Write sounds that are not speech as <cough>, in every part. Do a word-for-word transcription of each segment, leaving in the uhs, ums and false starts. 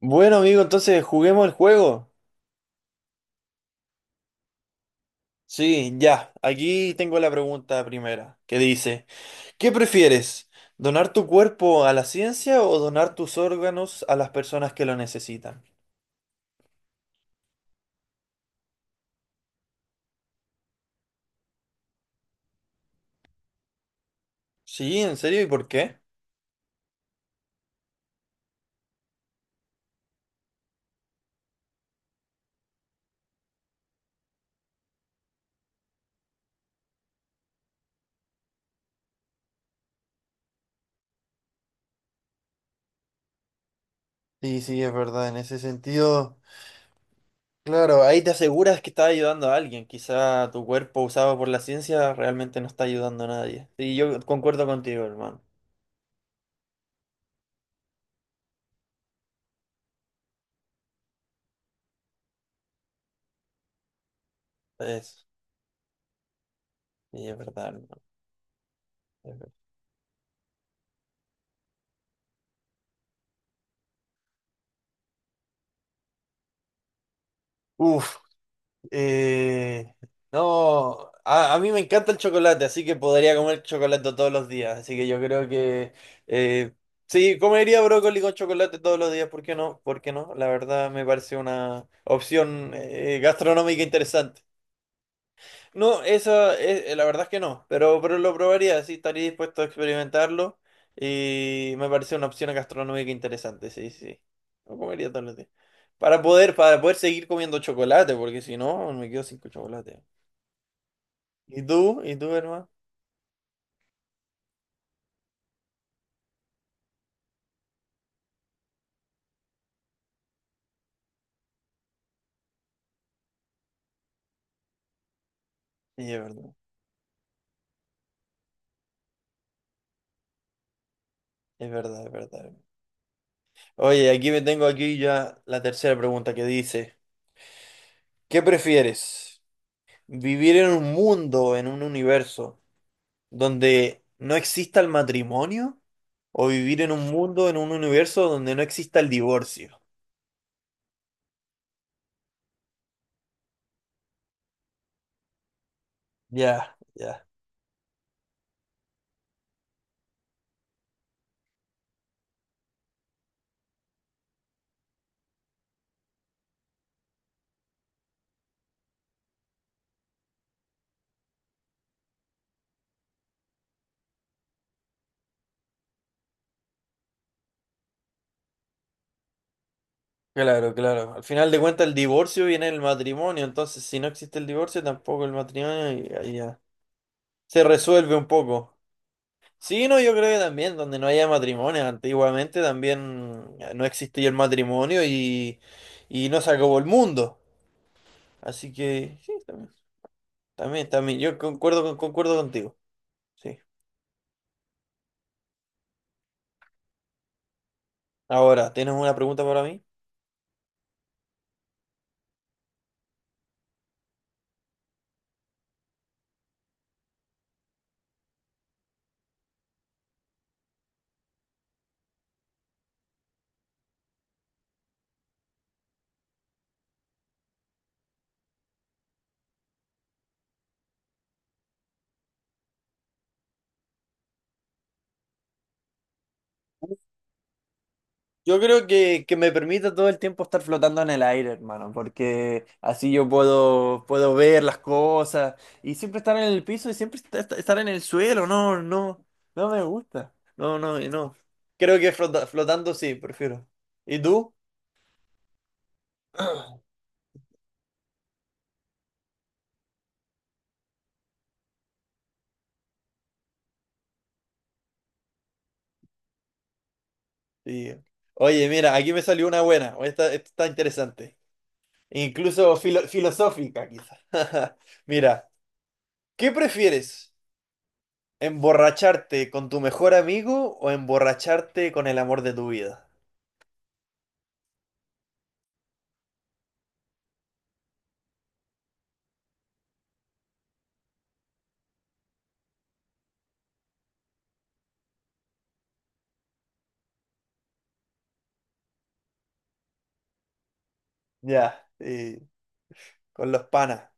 Bueno, amigo, entonces juguemos el juego. Sí, ya. Aquí tengo la pregunta primera, que dice, ¿qué prefieres? ¿Donar tu cuerpo a la ciencia o donar tus órganos a las personas que lo necesitan? Sí, ¿en serio? ¿Y por qué? Sí, sí, es verdad, en ese sentido, claro, ahí te aseguras que estás ayudando a alguien. Quizá tu cuerpo usado por la ciencia realmente no está ayudando a nadie. Sí, yo concuerdo contigo, hermano. Es, sí, es verdad, hermano. Es verdad. Uf. Eh, no, a, a mí me encanta el chocolate, así que podría comer chocolate todos los días. Así que yo creo que eh, sí, comería brócoli con chocolate todos los días. ¿Por qué no? ¿Por qué no? La verdad me parece una opción eh, gastronómica interesante. No, esa es, la verdad es que no, pero, pero lo probaría, sí, estaría dispuesto a experimentarlo y me parece una opción gastronómica interesante, sí, sí. Lo comería todos los días. Para poder, para poder seguir comiendo chocolate, porque si no, me quedo sin chocolate. ¿Y tú? ¿Y tú, hermano? Sí, es verdad, es verdad, es verdad. Oye, aquí me tengo aquí ya la tercera pregunta que dice, ¿qué prefieres? ¿Vivir en un mundo, en un universo donde no exista el matrimonio? O vivir en un mundo, en un universo donde no exista el divorcio. Ya, ya. Claro, claro. Al final de cuentas el divorcio viene del matrimonio, entonces si no existe el divorcio tampoco el matrimonio y ahí ya se resuelve un poco. Sí, no, yo creo que también donde no haya matrimonio, antiguamente también eh, no existía el matrimonio y, y no se acabó el mundo. Así que sí, también, también, también. Yo concuerdo, con- concuerdo contigo. Sí. Ahora, ¿tienes una pregunta para mí? Yo creo que, que me permite todo el tiempo estar flotando en el aire, hermano, porque así yo puedo, puedo ver las cosas y siempre estar en el piso y siempre est- est- estar en el suelo, no, no, no me gusta, no, no, y no. Creo que flota- flotando sí, prefiero. ¿Y tú? Sí. Oye, mira, aquí me salió una buena, esta, esta está interesante, incluso filo- filosófica quizás. <laughs> Mira, ¿qué prefieres? ¿Emborracharte con tu mejor amigo o emborracharte con el amor de tu vida? Ya, y con los panas.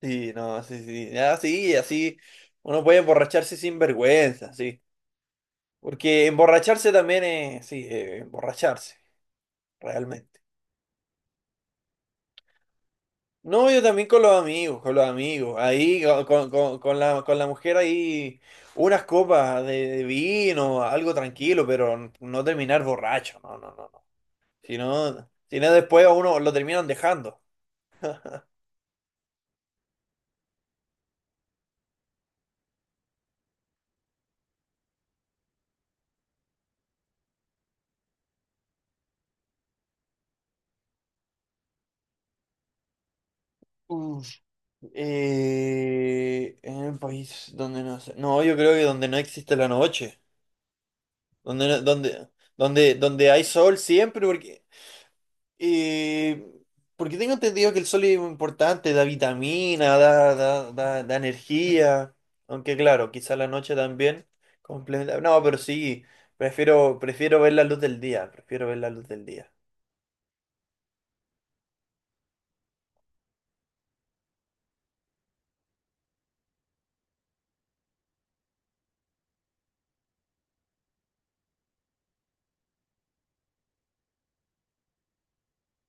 Sí, no, sí, sí. Ya, sí, así uno puede emborracharse sin vergüenza, sí. Porque emborracharse también es, sí, eh, emborracharse, realmente. No, yo también con los amigos, con los amigos. Ahí, co- con, con- con la, con la mujer ahí, unas copas de, de vino, algo tranquilo, pero no terminar borracho, no, no, no, no. Si no, si no después a uno lo terminan dejando. Eh, en un país donde no sé. No, yo creo que donde no existe la noche. Donde, no- donde, donde, donde hay sol siempre, porque. Eh, porque tengo entendido que el sol es muy importante, da vitamina, da, da, da, da energía. Aunque claro, quizá la noche también complementa. No, pero sí, prefiero, prefiero ver la luz del día. Prefiero ver la luz del día.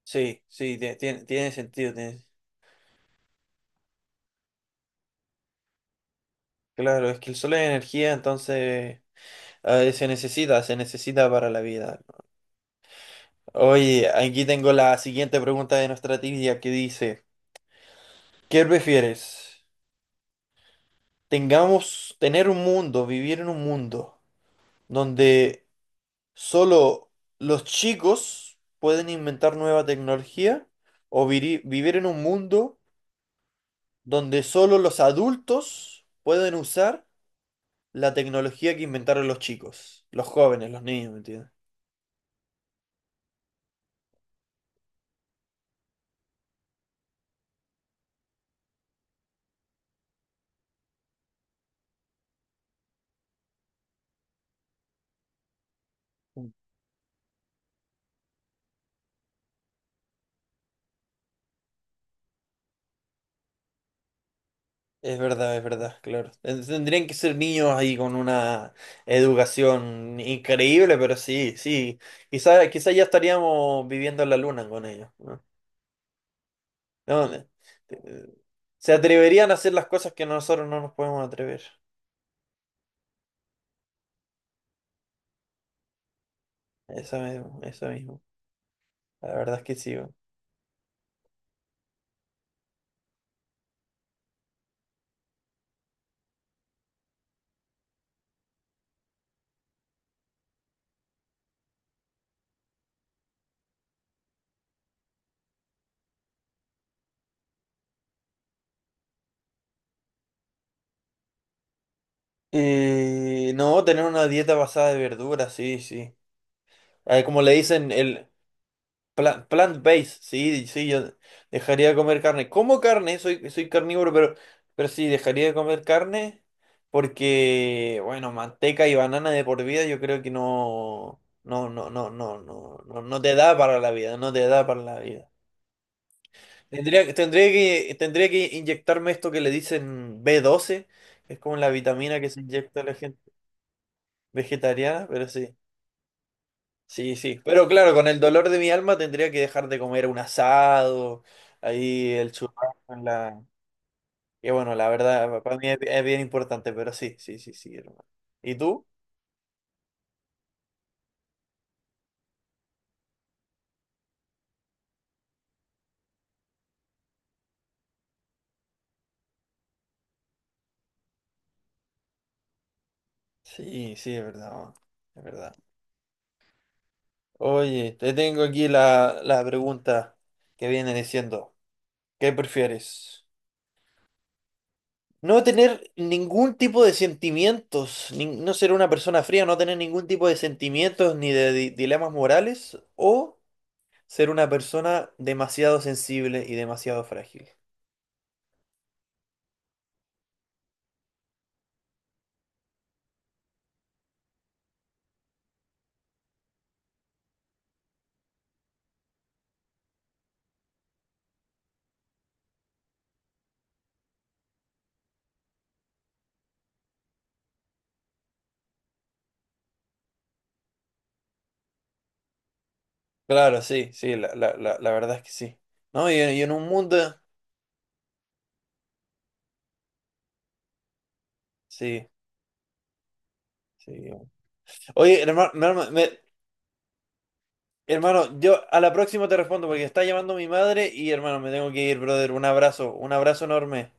Sí, sí, tie- tiene, tiene sentido. tiene- Claro, es que el sol es energía, entonces. Ay, se necesita, se necesita para la vida. Oye, aquí tengo la siguiente pregunta de nuestra trivia que dice, ¿qué prefieres? Tengamos, tener un mundo, vivir en un mundo donde solo los chicos pueden inventar nueva tecnología o viri- vivir en un mundo donde solo los adultos pueden usar la tecnología que inventaron los chicos, los jóvenes, los niños, ¿me entiendes? Es verdad, es verdad, claro. Ten- Tendrían que ser niños ahí con una educación increíble, pero sí, sí. Quizá, quizá ya estaríamos viviendo en la luna con ellos, ¿no? No, eh, eh, se atreverían a hacer las cosas que nosotros no nos podemos atrever. Eso mismo, eso mismo. La verdad es que sí, weón. Eh, no, tener una dieta basada de verduras, sí, sí. Eh, como le dicen, el, pla- plant-based, sí, sí, yo dejaría de comer carne. Como carne, soy, soy carnívoro, pero, pero sí, dejaría de comer carne porque, bueno, manteca y banana de por vida yo creo que no, no, no, no, no, no, no, no te da para la vida, no te da para la vida. Tendría, tendría que, tendría que inyectarme esto que le dicen b doce que es como la vitamina que se inyecta a la gente vegetariana, pero sí. Sí, sí, pero claro, con el dolor de mi alma tendría que dejar de comer un asado, ahí el churrasco en la... Que bueno, la verdad, para mí es, es bien importante, pero sí, sí, sí, sí, hermano. ¿Y tú? Sí, sí, es verdad, es verdad. Oye, te tengo aquí la, la pregunta que viene diciendo, ¿qué prefieres? No tener ningún tipo de sentimientos, nin- no ser una persona fría, no tener ningún tipo de sentimientos ni de di- dilemas morales, o ser una persona demasiado sensible y demasiado frágil. Claro, sí, sí, la, la, la, la verdad es que sí. ¿No? Y, en y en un mundo... Sí, sí. Oye, hermano, hermano, me- hermano, yo a la próxima te respondo porque está llamando mi madre y hermano, me tengo que ir, brother. Un abrazo, un abrazo enorme.